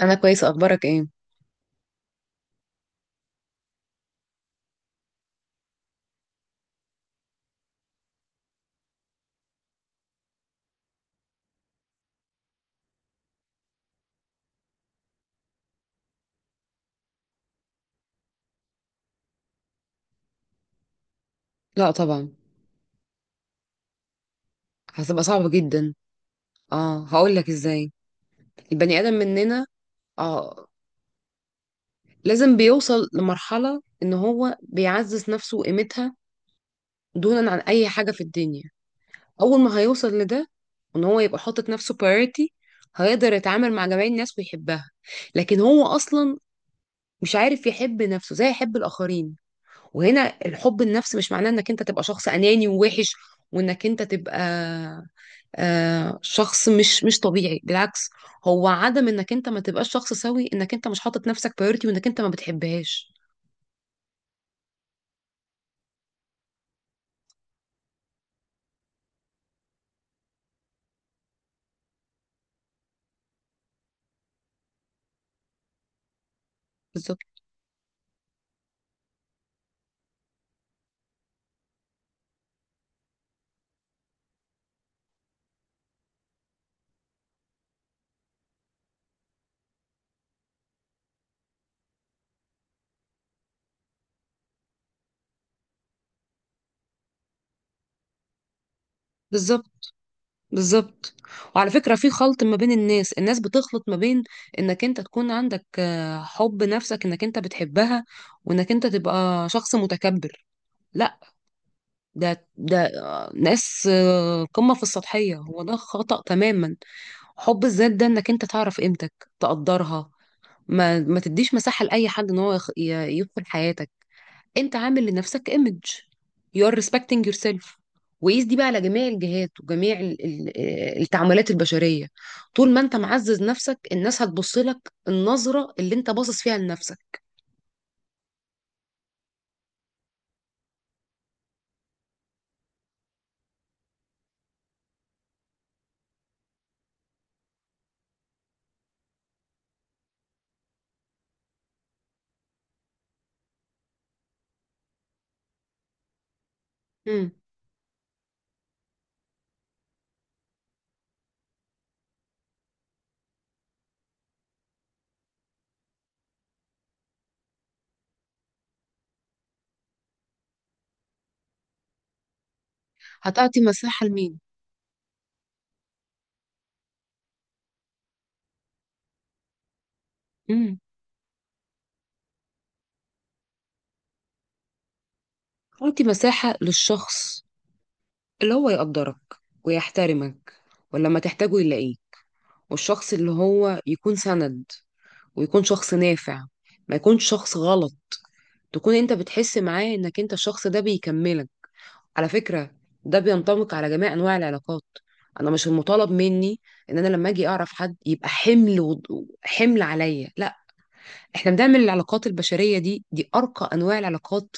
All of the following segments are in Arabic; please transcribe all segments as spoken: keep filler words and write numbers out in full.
انا كويسه، اخبارك ايه؟ لا طبعا، هتبقى صعبه جدا. اه هقول لك ازاي. البني ادم مننا اه لازم بيوصل لمرحله ان هو بيعزز نفسه وقيمتها دونا عن اي حاجه في الدنيا. اول ما هيوصل لده وان هو يبقى حاطط نفسه priority، هيقدر يتعامل مع جميع الناس ويحبها. لكن هو اصلا مش عارف يحب نفسه زي يحب الاخرين. وهنا الحب النفس مش معناه انك انت تبقى شخص اناني ووحش، وانك انت تبقى آه، شخص مش مش طبيعي، بالعكس. هو عدم انك انت ما تبقاش شخص سوي انك انت مش حاطط نفسك بايورتي وانك انت ما بتحبهاش. بالظبط، بالظبط، بالظبط. وعلى فكرة في خلط ما بين الناس، الناس بتخلط ما بين انك انت تكون عندك آه، حب نفسك انك انت بتحبها، وانك انت تبقى شخص متكبر. لا، ده ده ناس آه، قمة في السطحية. هو ده خطأ تماما. حب الذات ده انك انت تعرف قيمتك، تقدرها، ما ما تديش مساحة لأي حد ان هو يخ- ي- يدخل حياتك. انت عامل لنفسك image. you're respecting yourself. وقيس دي بقى على جميع الجهات وجميع ال- ال- آه، التعاملات البشرية. طول ما انت معزز نفسك الناس هتبص لك النظرة اللي انت باصص فيها لنفسك. مم. هتعطي مساحة لمين؟ مم. هتعطي مساحة للشخص اللي هو يقدرك ويحترمك، ولما تحتاجه يلاقيه. والشخص اللي هو يكون سند ويكون شخص نافع، ما يكونش شخص غلط. تكون انت بتحس معاه انك انت الشخص ده بيكملك. على فكرة ده بينطبق على جميع انواع العلاقات. انا مش المطالب مني ان انا لما اجي اعرف حد يبقى حمل و... حمل عليا، لا. احنا بنعمل العلاقات البشرية دي، دي ارقى انواع العلاقات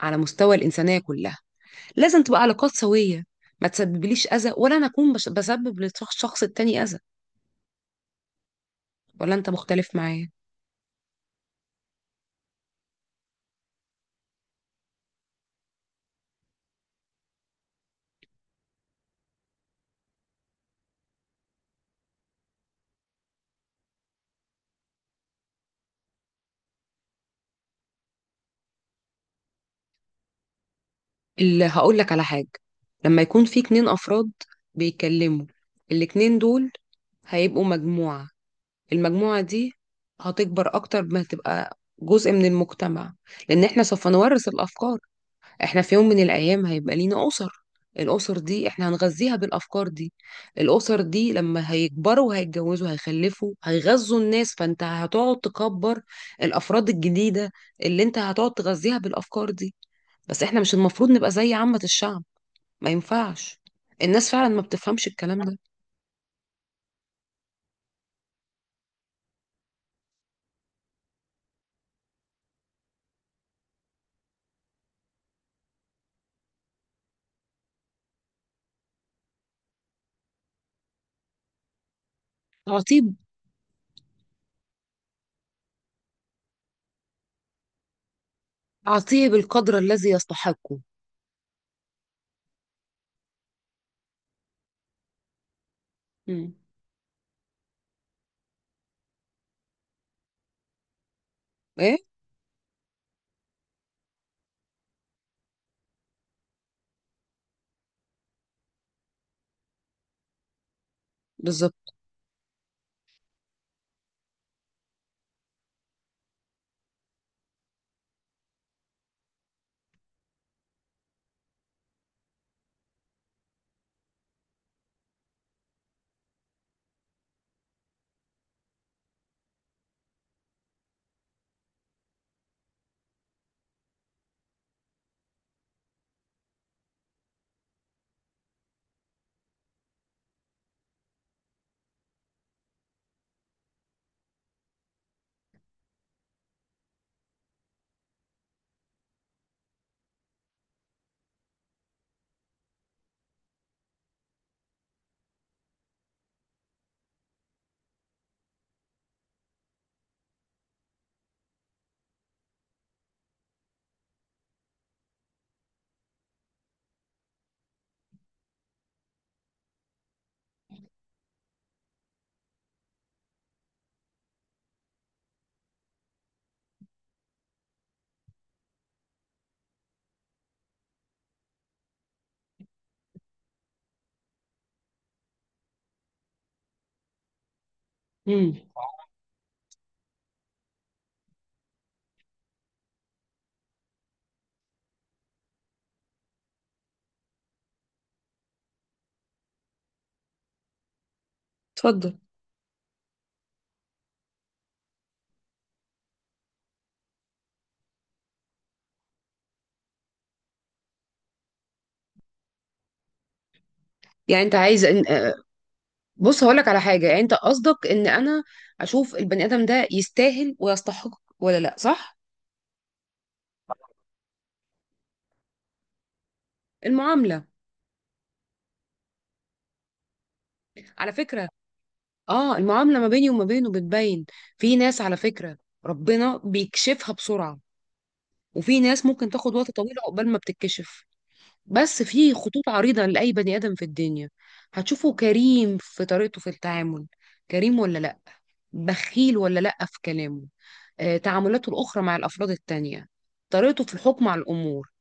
على مستوى الانسانية كلها. لازم تبقى علاقات سوية، ما تسببليش أذى، ولا أنا أكون بش- بسبب للشخص التاني أذى. ولا أنت مختلف معايا. اللي هقول لك على حاجة، لما يكون في اتنين أفراد بيتكلموا، الاتنين دول هيبقوا مجموعة. المجموعة دي هتكبر أكتر ما تبقى جزء من المجتمع، لأن احنا سوف نورث الأفكار. احنا في يوم من الايام هيبقى لينا اسر، الاسر دي احنا هنغذيها بالافكار دي. الاسر دي لما هيكبروا وهيتجوزوا هيخلفوا هيغذوا الناس، فانت هتقعد تكبر الافراد الجديده اللي انت هتقعد تغذيها بالافكار دي. بس احنا مش المفروض نبقى زي عامه الشعب، ما ينفعش. الناس فعلا ما بتفهمش الكلام ده. اعطيه. اعطيه بالقدر الذي يستحقه. مم. ايه. بالظبط. مم. اتفضل. يعني انت عايز، بص هقولك على حاجة. يعني انت قصدك ان انا اشوف البني ادم ده يستاهل ويستحق ولا لا، صح؟ المعاملة. على فكرة اه المعاملة ما بيني وما بينه بتبين. في ناس على فكرة ربنا بيكشفها بسرعة، وفي ناس ممكن تاخد وقت طويل عقبال ما بتتكشف. بس في خطوط عريضة لأي بني آدم في الدنيا، هتشوفه كريم في طريقته في التعامل، كريم ولا لا، بخيل ولا لأ في كلامه، آه، تعاملاته الأخرى مع الأفراد التانية، طريقته في الحكم على الأمور.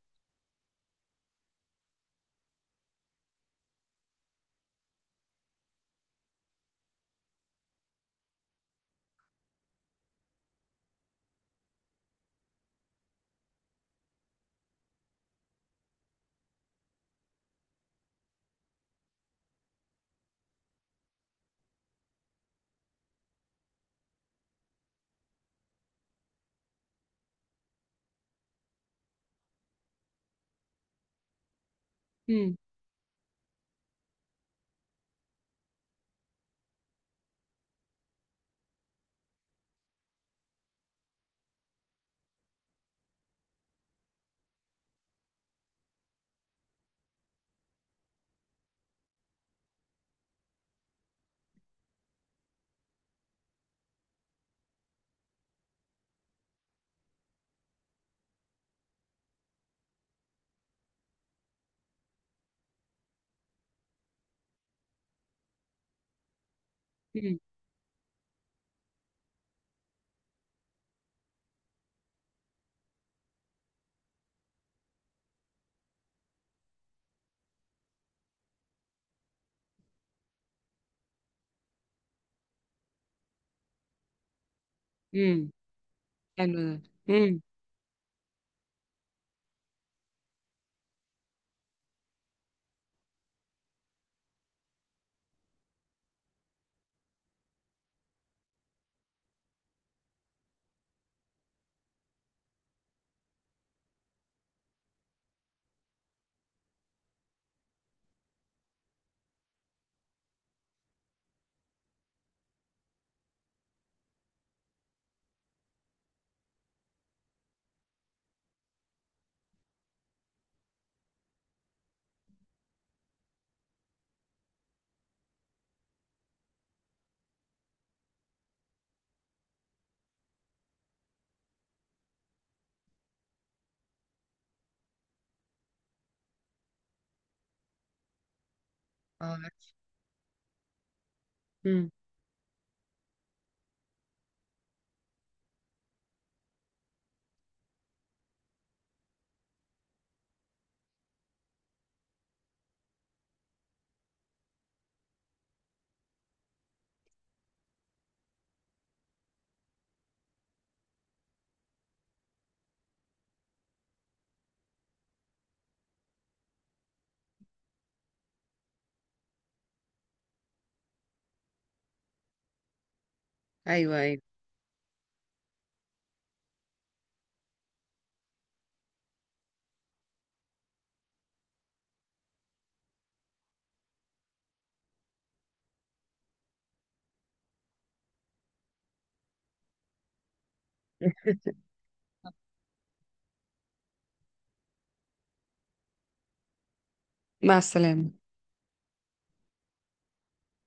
امم. امم. حلو ده. امم. اه. امم. ايوه، ايوه. مع السلامة.